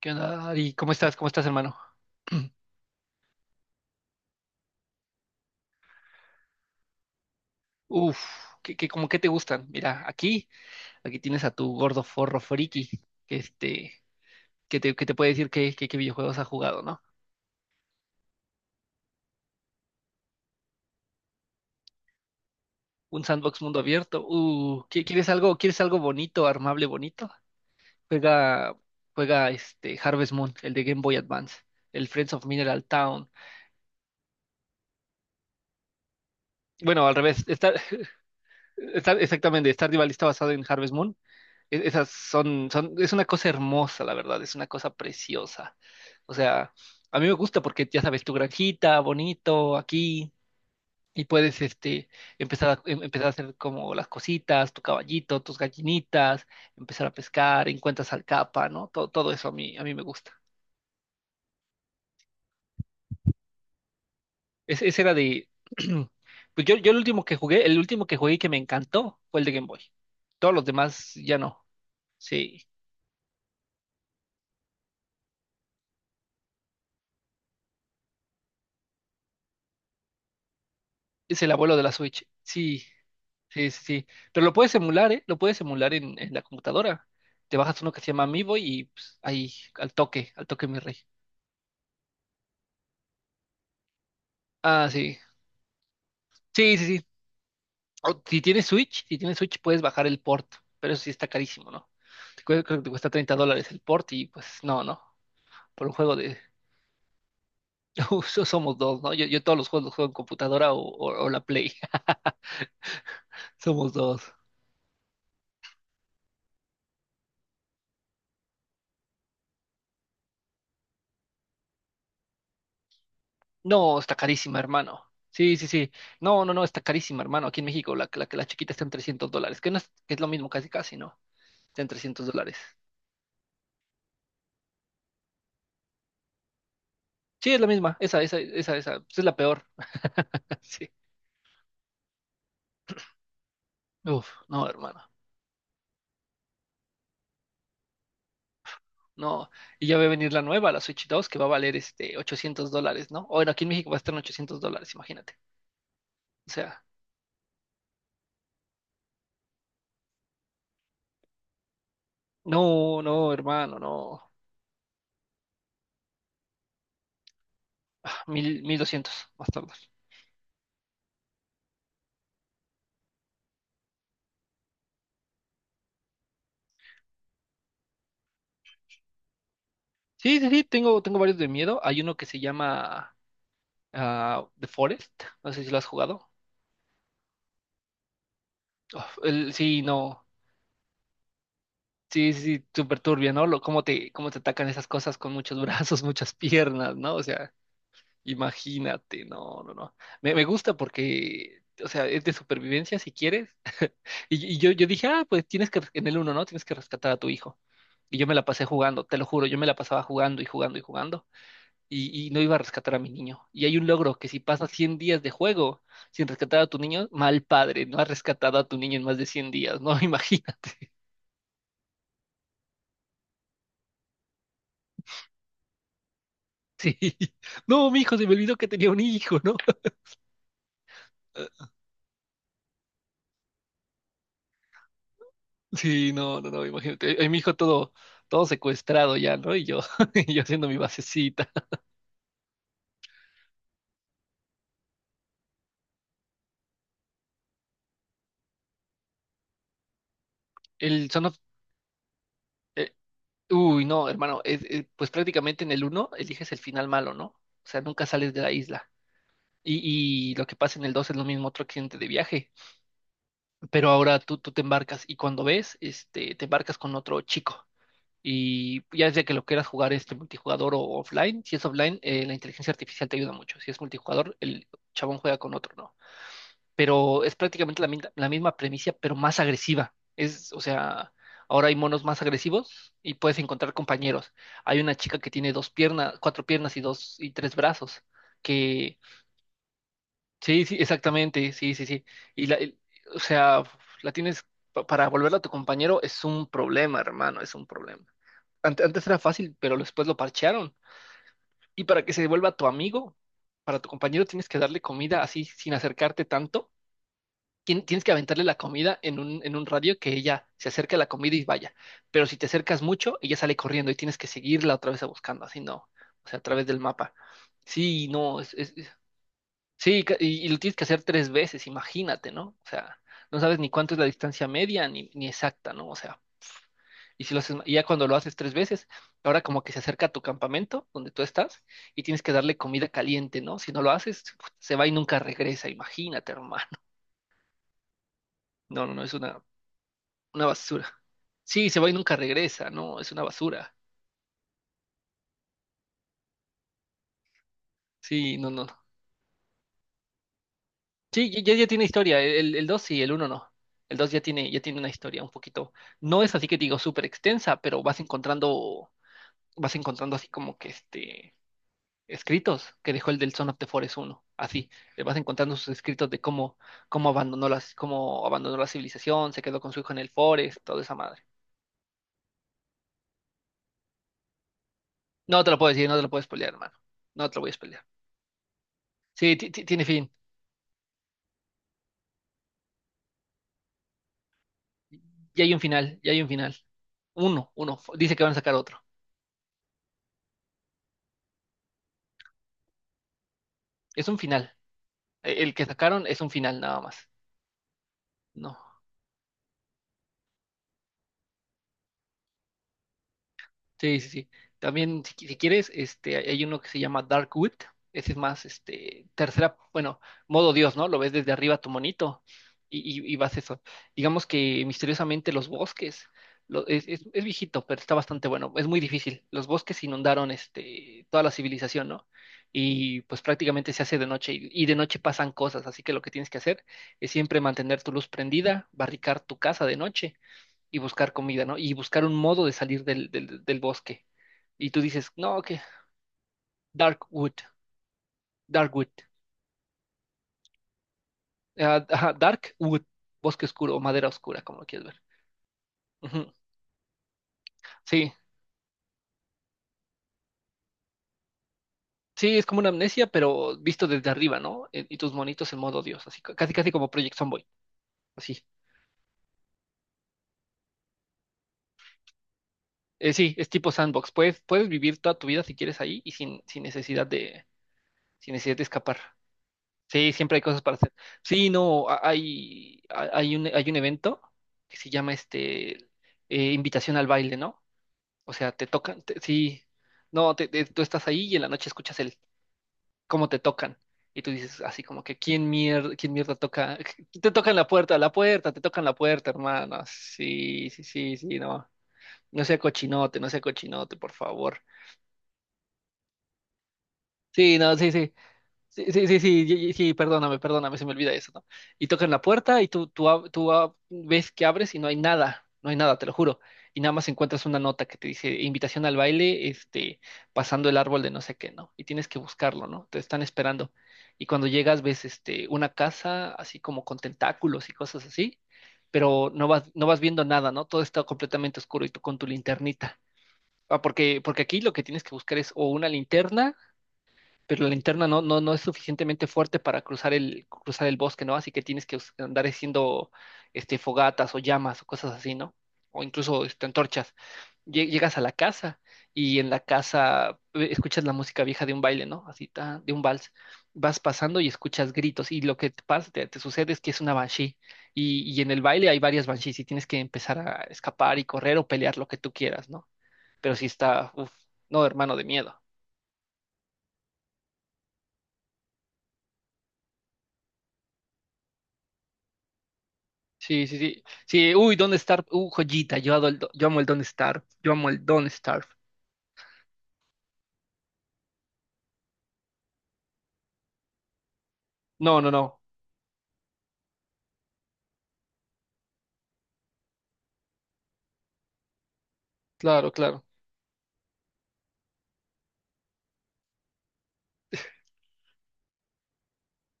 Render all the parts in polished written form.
¿Qué onda, Ari? ¿Cómo estás? ¿Cómo estás, hermano? Uf, cómo que te gustan? Mira, aquí tienes a tu gordo forro friki, que este, que te puede decir qué videojuegos ha jugado, ¿no? Un sandbox mundo abierto. ¿Quieres algo bonito, armable, bonito? Juega, juega este Harvest Moon, el de Game Boy Advance, el Friends of Mineral Town. Bueno, al revés, exactamente, Stardew Valley está basado en Harvest Moon. Esas es una cosa hermosa, la verdad, es una cosa preciosa. O sea, a mí me gusta porque ya sabes, tu granjita, bonito, aquí, y puedes empezar a hacer como las cositas, tu caballito, tus gallinitas, empezar a pescar, encuentras al capa, ¿no? Todo eso a mí me gusta. Ese era de... Pues yo el último que jugué y que me encantó fue el de Game Boy. Todos los demás ya no. Sí. Es el abuelo de la Switch. Sí, sí, sí, sí. Pero lo puedes emular, ¿eh? Lo puedes emular en la computadora. Te bajas uno que se llama Amiibo y pues, ahí, al toque, mi rey. Ah, sí. Sí, sí, sí. O, si tienes Switch puedes bajar el port, pero eso sí está carísimo, ¿no? Creo que te cuesta $30 el port y pues no, no. Por un juego de... Somos dos, ¿no? Yo todos los juegos los juego en computadora o la Play. Somos dos. No, está carísima, hermano. Sí, sí, sí. No, no, no, está carísima, hermano. Aquí en México la chiquita está en $300, que no es, que es lo mismo casi, casi, ¿no? Está en trescientos dólares. Sí, es la misma. Esa, esa, esa, esa. Pues es la peor. Sí. Uf, no, hermano. No. Y ya va a venir la nueva, la Switch 2, que va a valer $800, ¿no? Bueno, aquí en México va a estar en $800, imagínate. O sea, no, no, hermano, no. Ah, mil doscientos, más tarde. Sí, sí, sí, tengo varios de miedo. Hay uno que se llama... ah, The Forest, no sé si lo has jugado. Uf, sí, no, sí, sí, sí, súper turbio, ¿no? Cómo te atacan esas cosas con muchos brazos, muchas piernas, ¿no? O sea, imagínate, no, no, no. Me gusta porque, o sea, es de supervivencia si quieres. Y yo dije, ah, pues en el uno, ¿no? Tienes que rescatar a tu hijo. Y yo me la pasé jugando, te lo juro, yo me la pasaba jugando y jugando y jugando. Y no iba a rescatar a mi niño. Y hay un logro que si pasas 100 días de juego sin rescatar a tu niño, mal padre, no has rescatado a tu niño en más de 100 días, ¿no? Imagínate. Sí. No, mi hijo, se me olvidó que tenía un hijo, ¿no? Sí, no, no, no, imagínate. Mi hijo todo secuestrado ya, ¿no? Y yo, y yo haciendo mi basecita. El Son of- eh, uy, no, hermano, pues prácticamente en el uno eliges el final malo, ¿no? O sea, nunca sales de la isla. Y lo que pasa en el 2 es lo mismo, otro accidente de viaje. Pero ahora tú te embarcas y cuando ves, te embarcas con otro chico. Y ya desde que lo quieras jugar multijugador o offline, si es offline, la inteligencia artificial te ayuda mucho. Si es multijugador, el chabón juega con otro, ¿no? Pero es prácticamente la misma premisa, pero más agresiva. O sea, ahora hay monos más agresivos y puedes encontrar compañeros. Hay una chica que tiene dos piernas, cuatro piernas y dos y tres brazos, que. Sí, sí, exactamente, sí, sí, sí. Y la, el- o sea, la tienes para volverla a tu compañero es un problema, hermano, es un problema. Antes, era fácil, pero después lo parchearon. Y para que se vuelva tu amigo, para tu compañero tienes que darle comida así sin acercarte tanto. Tienes que aventarle la comida en un radio que ella se acerque a la comida y vaya. Pero si te acercas mucho, ella sale corriendo y tienes que seguirla otra vez a buscando, así no, o sea, a través del mapa. Sí, no, sí, y lo tienes que hacer 3 veces, imagínate, ¿no? O sea, no sabes ni cuánto es la distancia media ni exacta, ¿no? O sea, y si lo haces, y ya cuando lo haces 3 veces, ahora como que se acerca a tu campamento donde tú estás y tienes que darle comida caliente, ¿no? Si no lo haces, se va y nunca regresa, imagínate, hermano. No, no, no, es una basura. Sí, se va y nunca regresa, no, es una basura. Sí, no, no. No. Sí, ya tiene historia. El 2 sí, el uno no. El 2 ya tiene una historia un poquito. No es así que digo súper extensa, pero vas encontrando así como que escritos que dejó el del Son of the Forest uno así, le vas encontrando sus escritos de cómo abandonó la civilización, se quedó con su hijo en el Forest, toda esa madre. No te lo puedo decir, no te lo puedes pelear, hermano. No te lo voy a pelear. Sí, tiene fin. Ya hay un final, ya hay un final. Uno, uno. Dice que van a sacar otro. Es un final. El que sacaron es un final nada más. No. Sí, sí, sí. También, si quieres, hay uno que se llama Darkwood. Ese es más, tercera, bueno, modo Dios, ¿no? Lo ves desde arriba tu monito y vas eso. Digamos que misteriosamente los bosques, es viejito, pero está bastante bueno. Es muy difícil. Los bosques inundaron, toda la civilización, ¿no? Y pues prácticamente se hace de noche y de noche pasan cosas. Así que lo que tienes que hacer es siempre mantener tu luz prendida, barricar tu casa de noche y buscar comida, ¿no? Y buscar un modo de salir del bosque. Y tú dices, no, que Darkwood, Darkwood, ah, ajá, dark wood bosque oscuro o madera oscura, como lo quieres ver. Ujú. Sí, sí, es como una amnesia, pero visto desde arriba, ¿no? Y tus monitos en modo Dios, así casi casi como Project Zomboid, así. Sí, es tipo sandbox. Puedes vivir toda tu vida si quieres ahí y sin necesidad de escapar. Sí, siempre hay cosas para hacer. Sí, no, hay un evento que se llama invitación al baile, ¿no? O sea, te tocan, sí, no, tú estás ahí y en la noche escuchas el cómo te tocan y tú dices así como que quién mierda toca, te tocan la puerta, te tocan la puerta, hermano. Sí, sí, sí, sí, no, no sea cochinote, no sea cochinote, por favor. Sí, no, sí, sí. Sí, sí, sí, sí, sí, perdóname, perdóname, se me olvida eso, ¿no? Y tocan la puerta y tú ves que abres y no hay nada, no hay nada, te lo juro. Y nada más encuentras una nota que te dice invitación al baile, pasando el árbol de no sé qué, ¿no? Y tienes que buscarlo, ¿no? Te están esperando. Y cuando llegas ves, una casa así como con tentáculos y cosas así, pero no vas viendo nada, ¿no? Todo está completamente oscuro y tú con tu linternita. Ah, porque aquí lo que tienes que buscar es o una linterna pero la linterna no es suficientemente fuerte para cruzar el bosque, ¿no? Así que tienes que andar haciendo fogatas o llamas o cosas así, ¿no? O incluso antorchas. Llegas a la casa y en la casa escuchas la música vieja de un baile, ¿no? Así, ta, de un vals. Vas pasando y escuchas gritos y lo que te pasa, te sucede es que es una banshee y en el baile hay varias banshees y tienes que empezar a escapar y correr o pelear lo que tú quieras, ¿no? Pero sí está, uff, no, hermano, de miedo. Sí, sí, sí. Sí, uy, Don't Starve. Joyita. Yo amo el Don't Starve. Yo amo el Don't Starve. No, no, no. Claro, claro.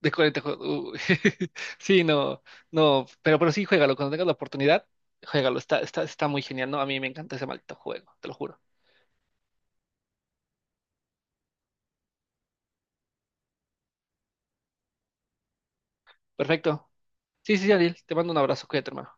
De 40 juegos. Uy. Sí, no, no. Pero sí, juégalo. Cuando tengas la oportunidad, juégalo. Está muy genial, ¿no? A mí me encanta ese maldito juego, te lo juro. Perfecto. Sí, sí, sí, Ariel. Te mando un abrazo. Cuídate, hermano.